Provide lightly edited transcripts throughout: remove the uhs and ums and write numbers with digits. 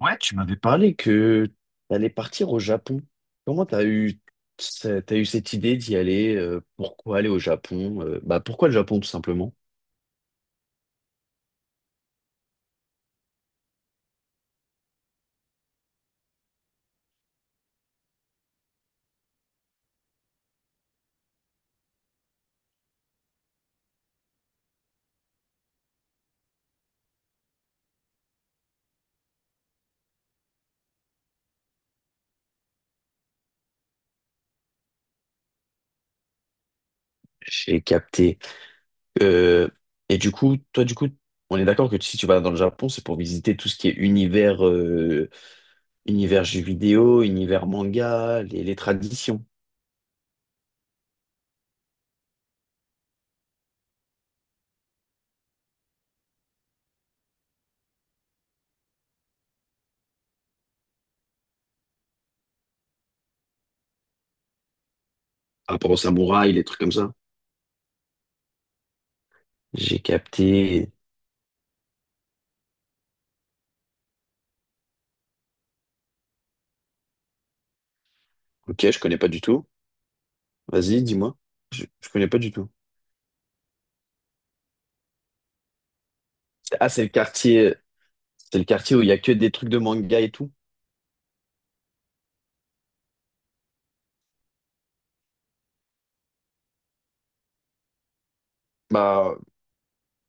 Ouais, tu m'avais parlé que t'allais partir au Japon. Comment t'as eu, t'as eu cette idée d'y aller? Pourquoi aller au Japon? Bah pourquoi le Japon tout simplement? J'ai capté. Euh, et du coup, toi du coup, on est d'accord que si tu vas dans le Japon, c'est pour visiter tout ce qui est univers, univers jeux vidéo, univers manga, les traditions. Par rapport aux samouraïs, les trucs comme ça. J'ai capté. Ok, je connais pas du tout. Vas-y, dis-moi. Je connais pas du tout. Ah, c'est le quartier. C'est le quartier où il y a que des trucs de manga et tout. Bah,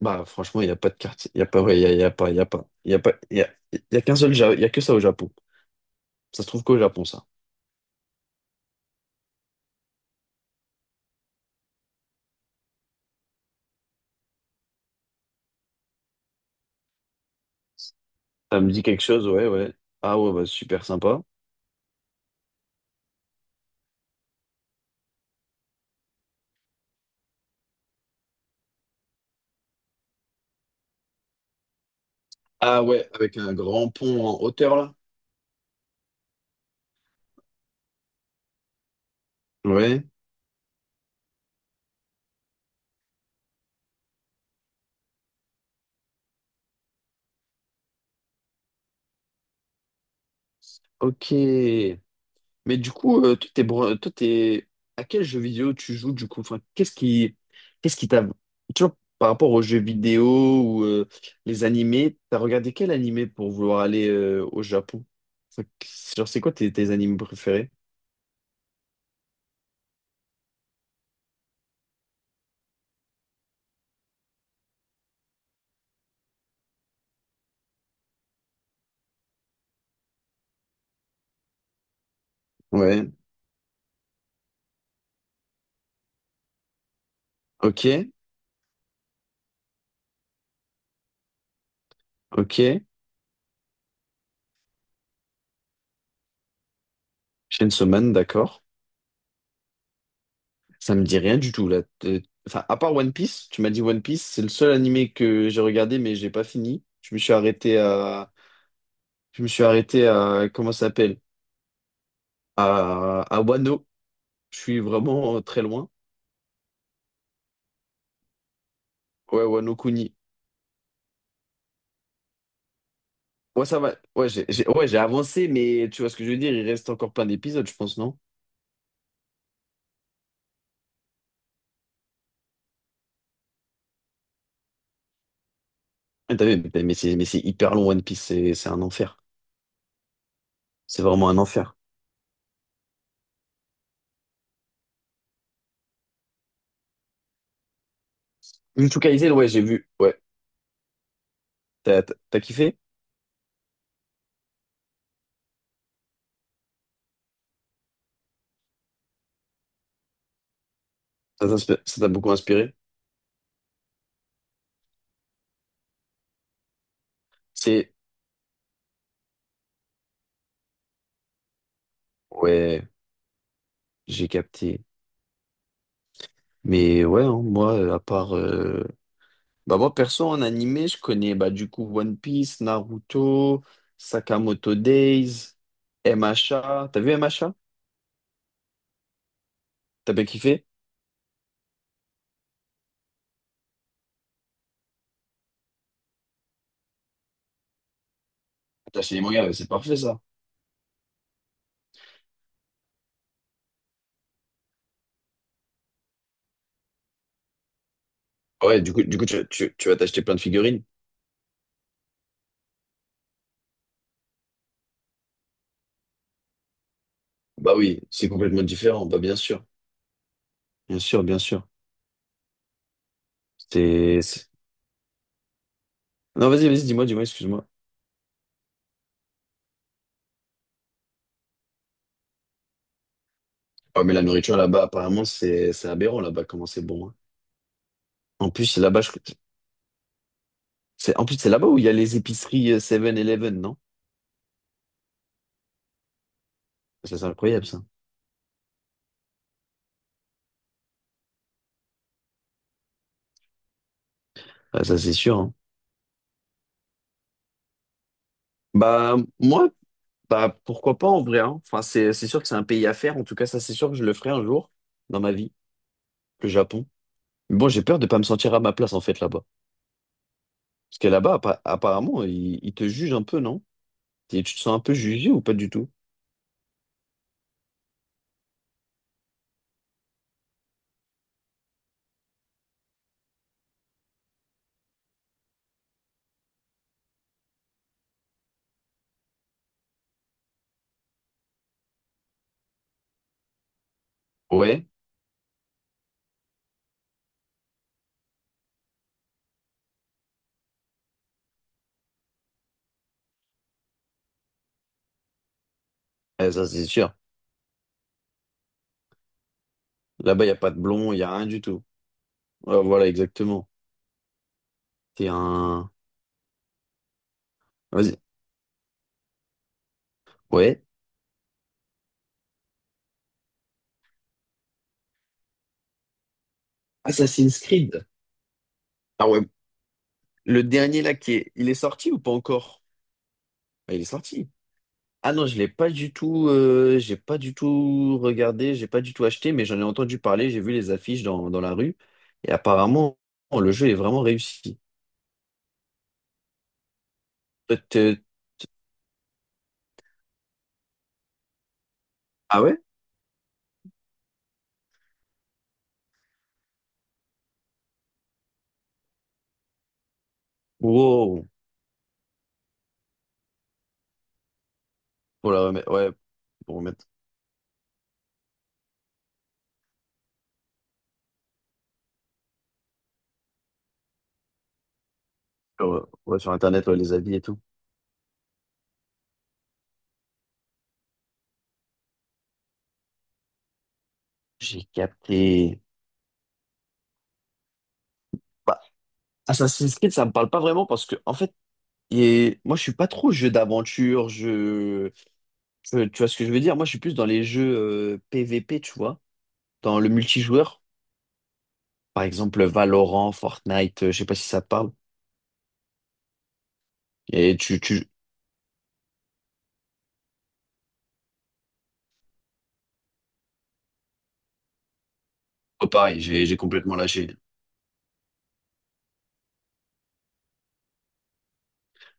Bah franchement, il n'y a pas de quartier. Il n'y a pas, ouais, il y a pas. Il y a qu'un seul, il y a que ça au Japon. Ça se trouve qu'au Japon, ça. Ça me dit quelque chose, ouais, ouais. Ah ouais, bah super sympa. Ah ouais, avec un grand pont en hauteur, là. Ouais. Ok. Mais du coup, toi, toi, t'es à quel jeu vidéo tu joues du coup? Enfin, qu'est-ce qui t'a, tu vois, par rapport aux jeux vidéo ou les animés, t'as regardé quel animé pour vouloir aller au Japon? Enfin, genre, c'est quoi tes animés préférés? Ouais, ok, ok. Chainsaw Man, d'accord. Ça me dit rien du tout là. Enfin, à part One Piece, tu m'as dit One Piece, c'est le seul animé que j'ai regardé mais j'ai pas fini. Je me suis arrêté à, comment ça s'appelle? À Wano. Je suis vraiment très loin. Ouais, ouais, no Kuni. Ouais, ça va. Ouais, ouais, j'ai avancé, mais tu vois ce que je veux dire, il reste encore plein d'épisodes, je pense, non? Ah, t'as vu, mais c'est hyper long, One Piece, c'est un enfer. C'est vraiment un enfer. Jujutsu Kaisen, ouais, j'ai vu. Ouais. T'as kiffé? Ça t'inspire- ça t'a beaucoup inspiré? C'est. Ouais, j'ai capté. Mais ouais, hein, moi, à part. Bah, moi, perso, en animé, je connais bah, du coup One Piece, Naruto, Sakamoto Days, MHA. T'as vu MHA? T'as pas kiffé? T'as acheté des mangas, ouais, c'est parfait ça. Ah ouais, du coup tu vas t'acheter plein de figurines? Bah oui, c'est complètement différent, bah bien sûr. Bien sûr, bien sûr. C'est- Non, vas-y, dis-moi, excuse-moi. Ah mais la nourriture là-bas, apparemment, c'est aberrant là-bas, comment c'est bon, hein. En plus, c'est en plus, c'est là-bas où il y a les épiceries 7-Eleven, non? Ça, c'est incroyable, ça. Ah, ça, c'est sûr, hein. Bah, moi, bah, pourquoi pas en vrai, hein. Enfin, c'est sûr que c'est un pays à faire. En tout cas, ça, c'est sûr que je le ferai un jour dans ma vie, le Japon. Bon, j'ai peur de pas me sentir à ma place en fait là-bas. Parce que là-bas, apparemment, ils te jugent un peu, non? Et tu te sens un peu jugé ou pas du tout? Ouais, eh, ça c'est sûr. Là-bas, il n'y a pas de blond, il n'y a rien du tout. Ouais, voilà, exactement. T'es un. Vas-y. Ouais. Assassin's Creed. Ah ouais. Le dernier là qui est. Il est sorti ou pas encore? Ah, il est sorti. Ah non, je l'ai pas du tout. J'ai pas du tout regardé, j'ai pas du tout acheté, mais j'en ai entendu parler, j'ai vu les affiches dans la rue. Et apparemment, le jeu est vraiment réussi. Ah ouais? Wow! Pour la remettre, ouais, pour remettre sur, ouais, sur Internet, ouais, les avis et tout. J'ai capté. Bah, Assassin's Creed, ça me parle pas vraiment parce que, en fait, et moi, je suis pas trop jeu d'aventure, jeu... Tu vois ce que je veux dire? Moi, je suis plus dans les jeux PVP, tu vois, dans le multijoueur. Par exemple, Valorant, Fortnite, je sais pas si ça te parle. Et tu... Oh, pareil, j'ai complètement lâché.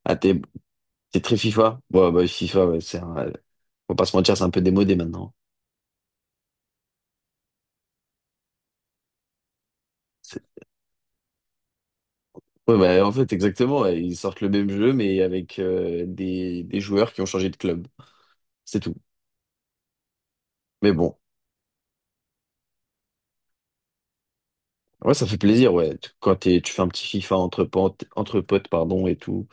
Ah, t'es très FIFA? Ouais, bah, FIFA, ouais, c'est un... Faut pas se mentir, c'est un peu démodé maintenant. Ouais, bah, en fait, exactement, ouais. Ils sortent le même jeu, mais avec des joueurs qui ont changé de club. C'est tout. Mais bon, ouais, ça fait plaisir, ouais. Tu- Quand t'es, tu fais un petit FIFA entre potes, pardon, et tout.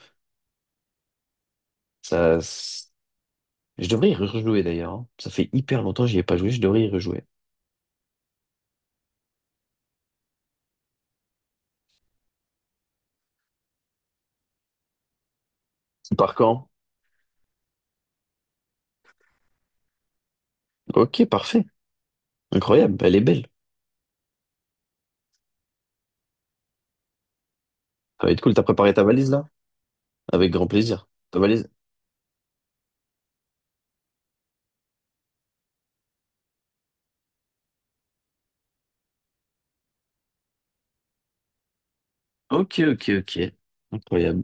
Ça, s- je devrais y rejouer d'ailleurs, hein. Ça fait hyper longtemps que j'y ai pas joué. Je devrais y rejouer. C'est par quand? Ok, parfait. Incroyable. Elle est belle. Ça va être cool. T'as préparé ta valise là? Avec grand plaisir. Ta valise? Ok, ok, ok. Incroyable.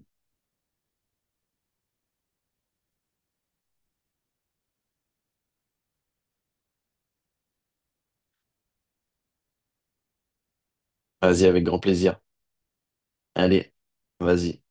Vas-y, avec grand plaisir. Allez, vas-y.